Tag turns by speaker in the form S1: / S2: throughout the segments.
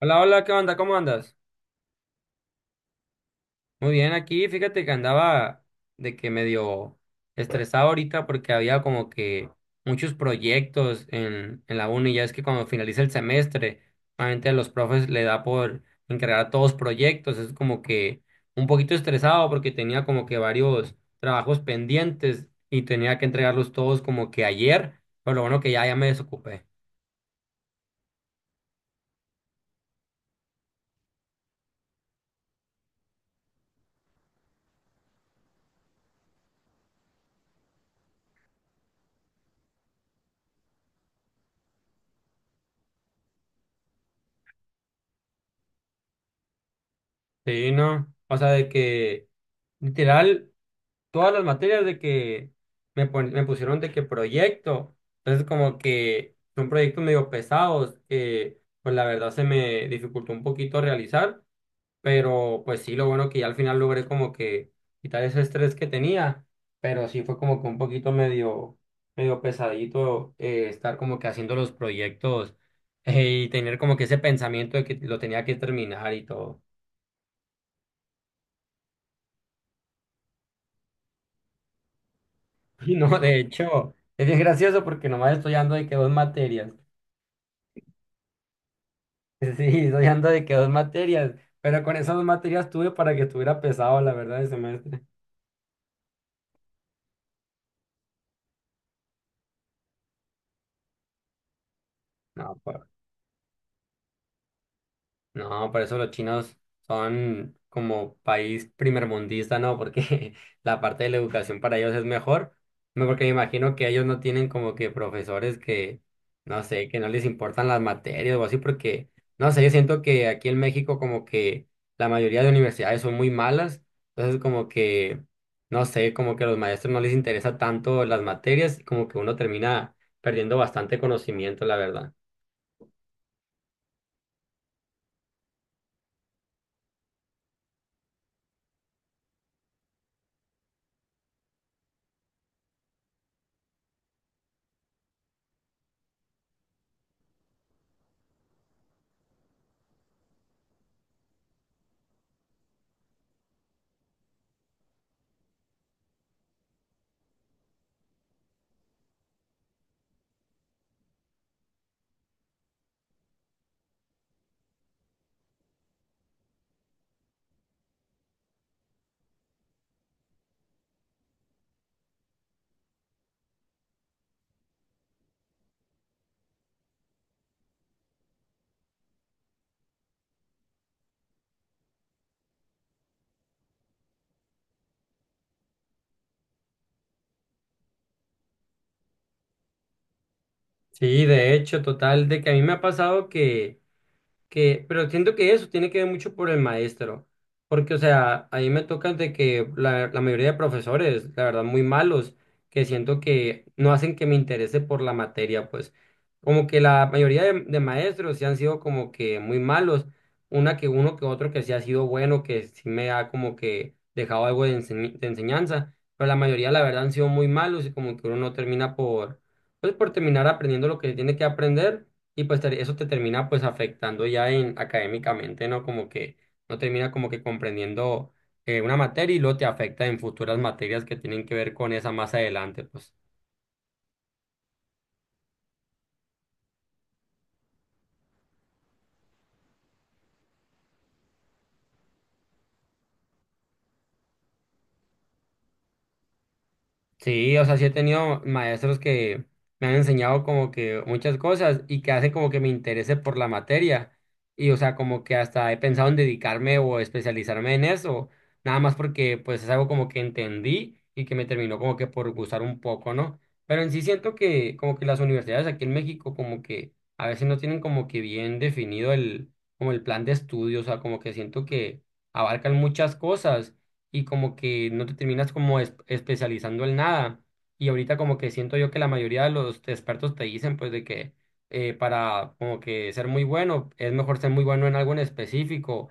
S1: Hola, hola, ¿qué onda? ¿Cómo andas? Muy bien, aquí fíjate que andaba de que medio estresado ahorita porque había como que muchos proyectos en la uni. Ya es que cuando finaliza el semestre, normalmente a los profes le da por encargar todos proyectos. Es como que un poquito estresado porque tenía como que varios trabajos pendientes y tenía que entregarlos todos como que ayer, pero lo bueno que ya me desocupé. Sí, ¿no? O sea, de que literal, todas las materias de que me pusieron de que proyecto. Entonces como que son proyectos medio pesados que pues la verdad se me dificultó un poquito realizar, pero pues sí, lo bueno que ya al final logré como que quitar ese estrés que tenía, pero sí fue como que un poquito medio pesadito estar como que haciendo los proyectos y tener como que ese pensamiento de que lo tenía que terminar y todo. Y no, de hecho, es bien gracioso porque nomás estoy dando de que dos materias. Sí, estoy ando de que dos materias, pero con esas dos materias tuve para que estuviera pesado, la verdad, el semestre. No, pues. No, por eso los chinos son como país primermundista, ¿no? Porque la parte de la educación para ellos es mejor, no, porque me imagino que ellos no tienen como que profesores que, no sé, que no les importan las materias o así, porque, no sé, yo siento que aquí en México como que la mayoría de universidades son muy malas, entonces como que, no sé, como que a los maestros no les interesa tanto las materias, como que uno termina perdiendo bastante conocimiento, la verdad. Sí, de hecho, total, de que a mí me ha pasado que, pero siento que eso tiene que ver mucho por el maestro, porque, o sea, a mí me toca de que la mayoría de profesores, la verdad, muy malos, que siento que no hacen que me interese por la materia, pues, como que la mayoría de maestros sí han sido como que muy malos, una que uno que otro que sí ha sido bueno, que sí me ha como que dejado algo de enseñanza, pero la mayoría, la verdad, han sido muy malos y como que uno no termina por, pues, por terminar aprendiendo lo que tiene que aprender y pues eso te termina pues afectando ya en académicamente, ¿no? Como que no termina como que comprendiendo una materia y luego te afecta en futuras materias que tienen que ver con esa más adelante, pues. Sí, o sea, sí he tenido maestros que me han enseñado como que muchas cosas y que hacen como que me interese por la materia. Y o sea, como que hasta he pensado en dedicarme o especializarme en eso, nada más porque pues es algo como que entendí y que me terminó como que por gustar un poco, ¿no? Pero en sí siento que como que las universidades aquí en México como que a veces no tienen como que bien definido el como el plan de estudio, o sea, como que siento que abarcan muchas cosas y como que no te terminas como especializando en nada. Y ahorita como que siento yo que la mayoría de los expertos te dicen pues de que para como que ser muy bueno es mejor ser muy bueno en algo en específico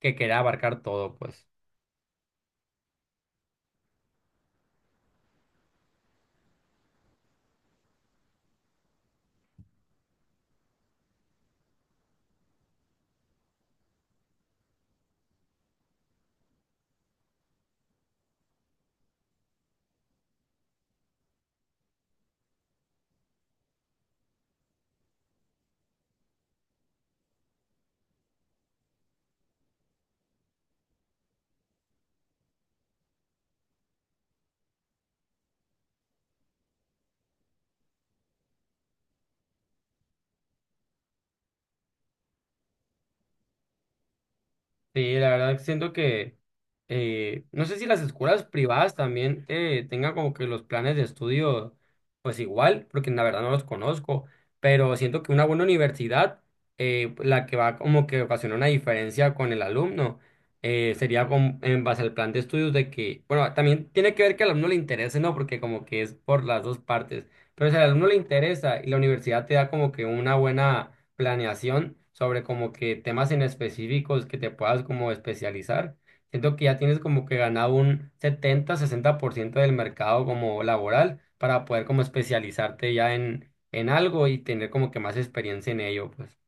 S1: que querer abarcar todo pues. Sí, la verdad siento que no sé si las escuelas privadas también tengan como que los planes de estudio pues igual, porque la verdad no los conozco, pero siento que una buena universidad, la que va como que ocasiona una diferencia con el alumno, sería con, en base al plan de estudios de que, bueno, también tiene que ver que al alumno le interese, ¿no? Porque como que es por las dos partes, pero si al alumno le interesa y la universidad te da como que una buena planeación sobre como que temas en específicos que te puedas como especializar. Siento que ya tienes como que ganado un setenta 60% del mercado como laboral para poder como especializarte ya en algo y tener como que más experiencia en ello, pues.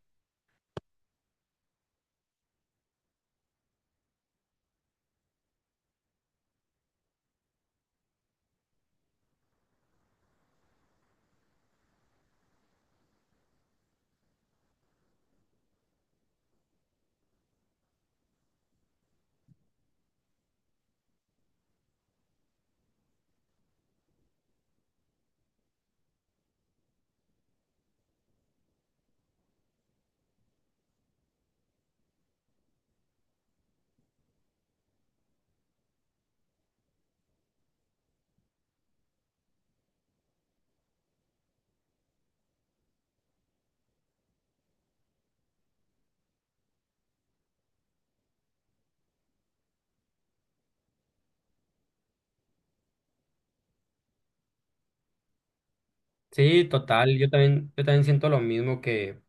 S1: Sí, total, yo también siento lo mismo que,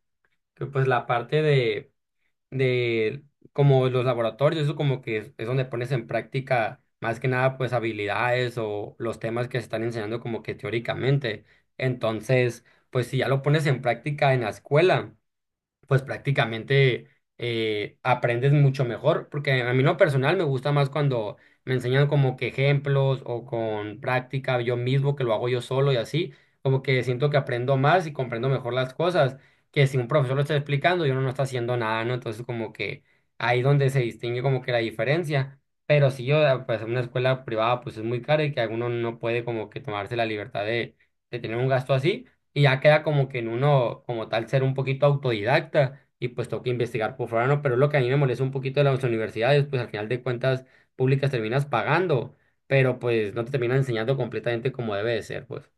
S1: pues la parte de como los laboratorios, eso como que es donde pones en práctica más que nada pues habilidades o los temas que se están enseñando como que teóricamente. Entonces, pues si ya lo pones en práctica en la escuela, pues prácticamente aprendes mucho mejor, porque a mí en lo personal me gusta más cuando me enseñan como que ejemplos o con práctica yo mismo, que lo hago yo solo y así, como que siento que aprendo más y comprendo mejor las cosas, que si un profesor lo está explicando y uno no está haciendo nada, ¿no? Entonces como que ahí donde se distingue como que la diferencia. Pero si yo, pues en una escuela privada pues es muy cara y que alguno no puede como que tomarse la libertad de tener un gasto así y ya queda como que en uno, como tal, ser un poquito autodidacta y pues toca investigar por fuera, ¿no? Pero es lo que a mí me molesta un poquito de las universidades, pues al final de cuentas públicas terminas pagando, pero pues no te terminan enseñando completamente como debe de ser, pues.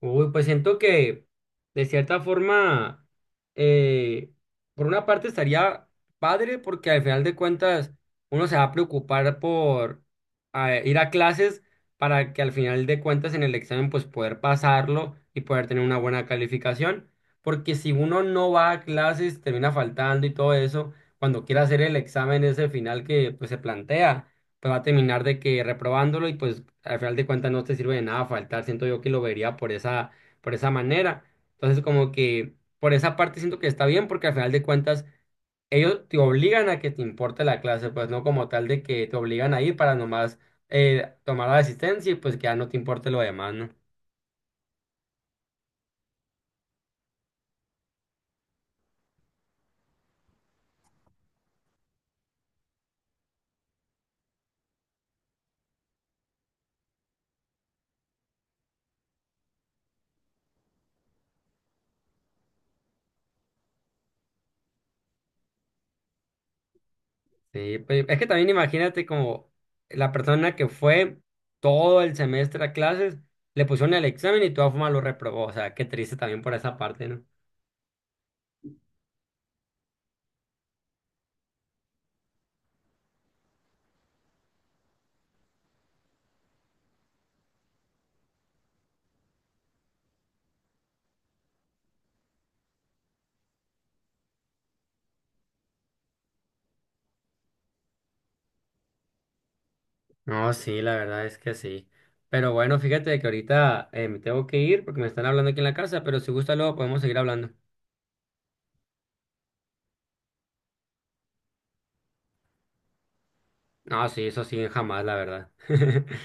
S1: Uy, pues siento que de cierta forma, eh, por una parte estaría padre porque al final de cuentas uno se va a preocupar por ir a clases para que al final de cuentas en el examen pues poder pasarlo y poder tener una buena calificación. Porque si uno no va a clases, termina faltando y todo eso, cuando quiera hacer el examen ese final que pues se plantea pues va a terminar de que reprobándolo y pues al final de cuentas no te sirve de nada faltar. Siento yo que lo vería por esa manera. Entonces como que por esa parte siento que está bien porque al final de cuentas ellos te obligan a que te importe la clase, pues no como tal de que te obligan a ir para nomás tomar la asistencia y pues que ya no te importe lo demás, ¿no? Sí, pues es que también imagínate como la persona que fue todo el semestre a clases, le pusieron el examen y de todas formas lo reprobó, o sea, qué triste también por esa parte, ¿no? No, sí, la verdad es que sí. Pero bueno, fíjate que ahorita me tengo que ir porque me están hablando aquí en la casa, pero si gusta luego podemos seguir hablando. No, sí, eso sí, jamás, la verdad.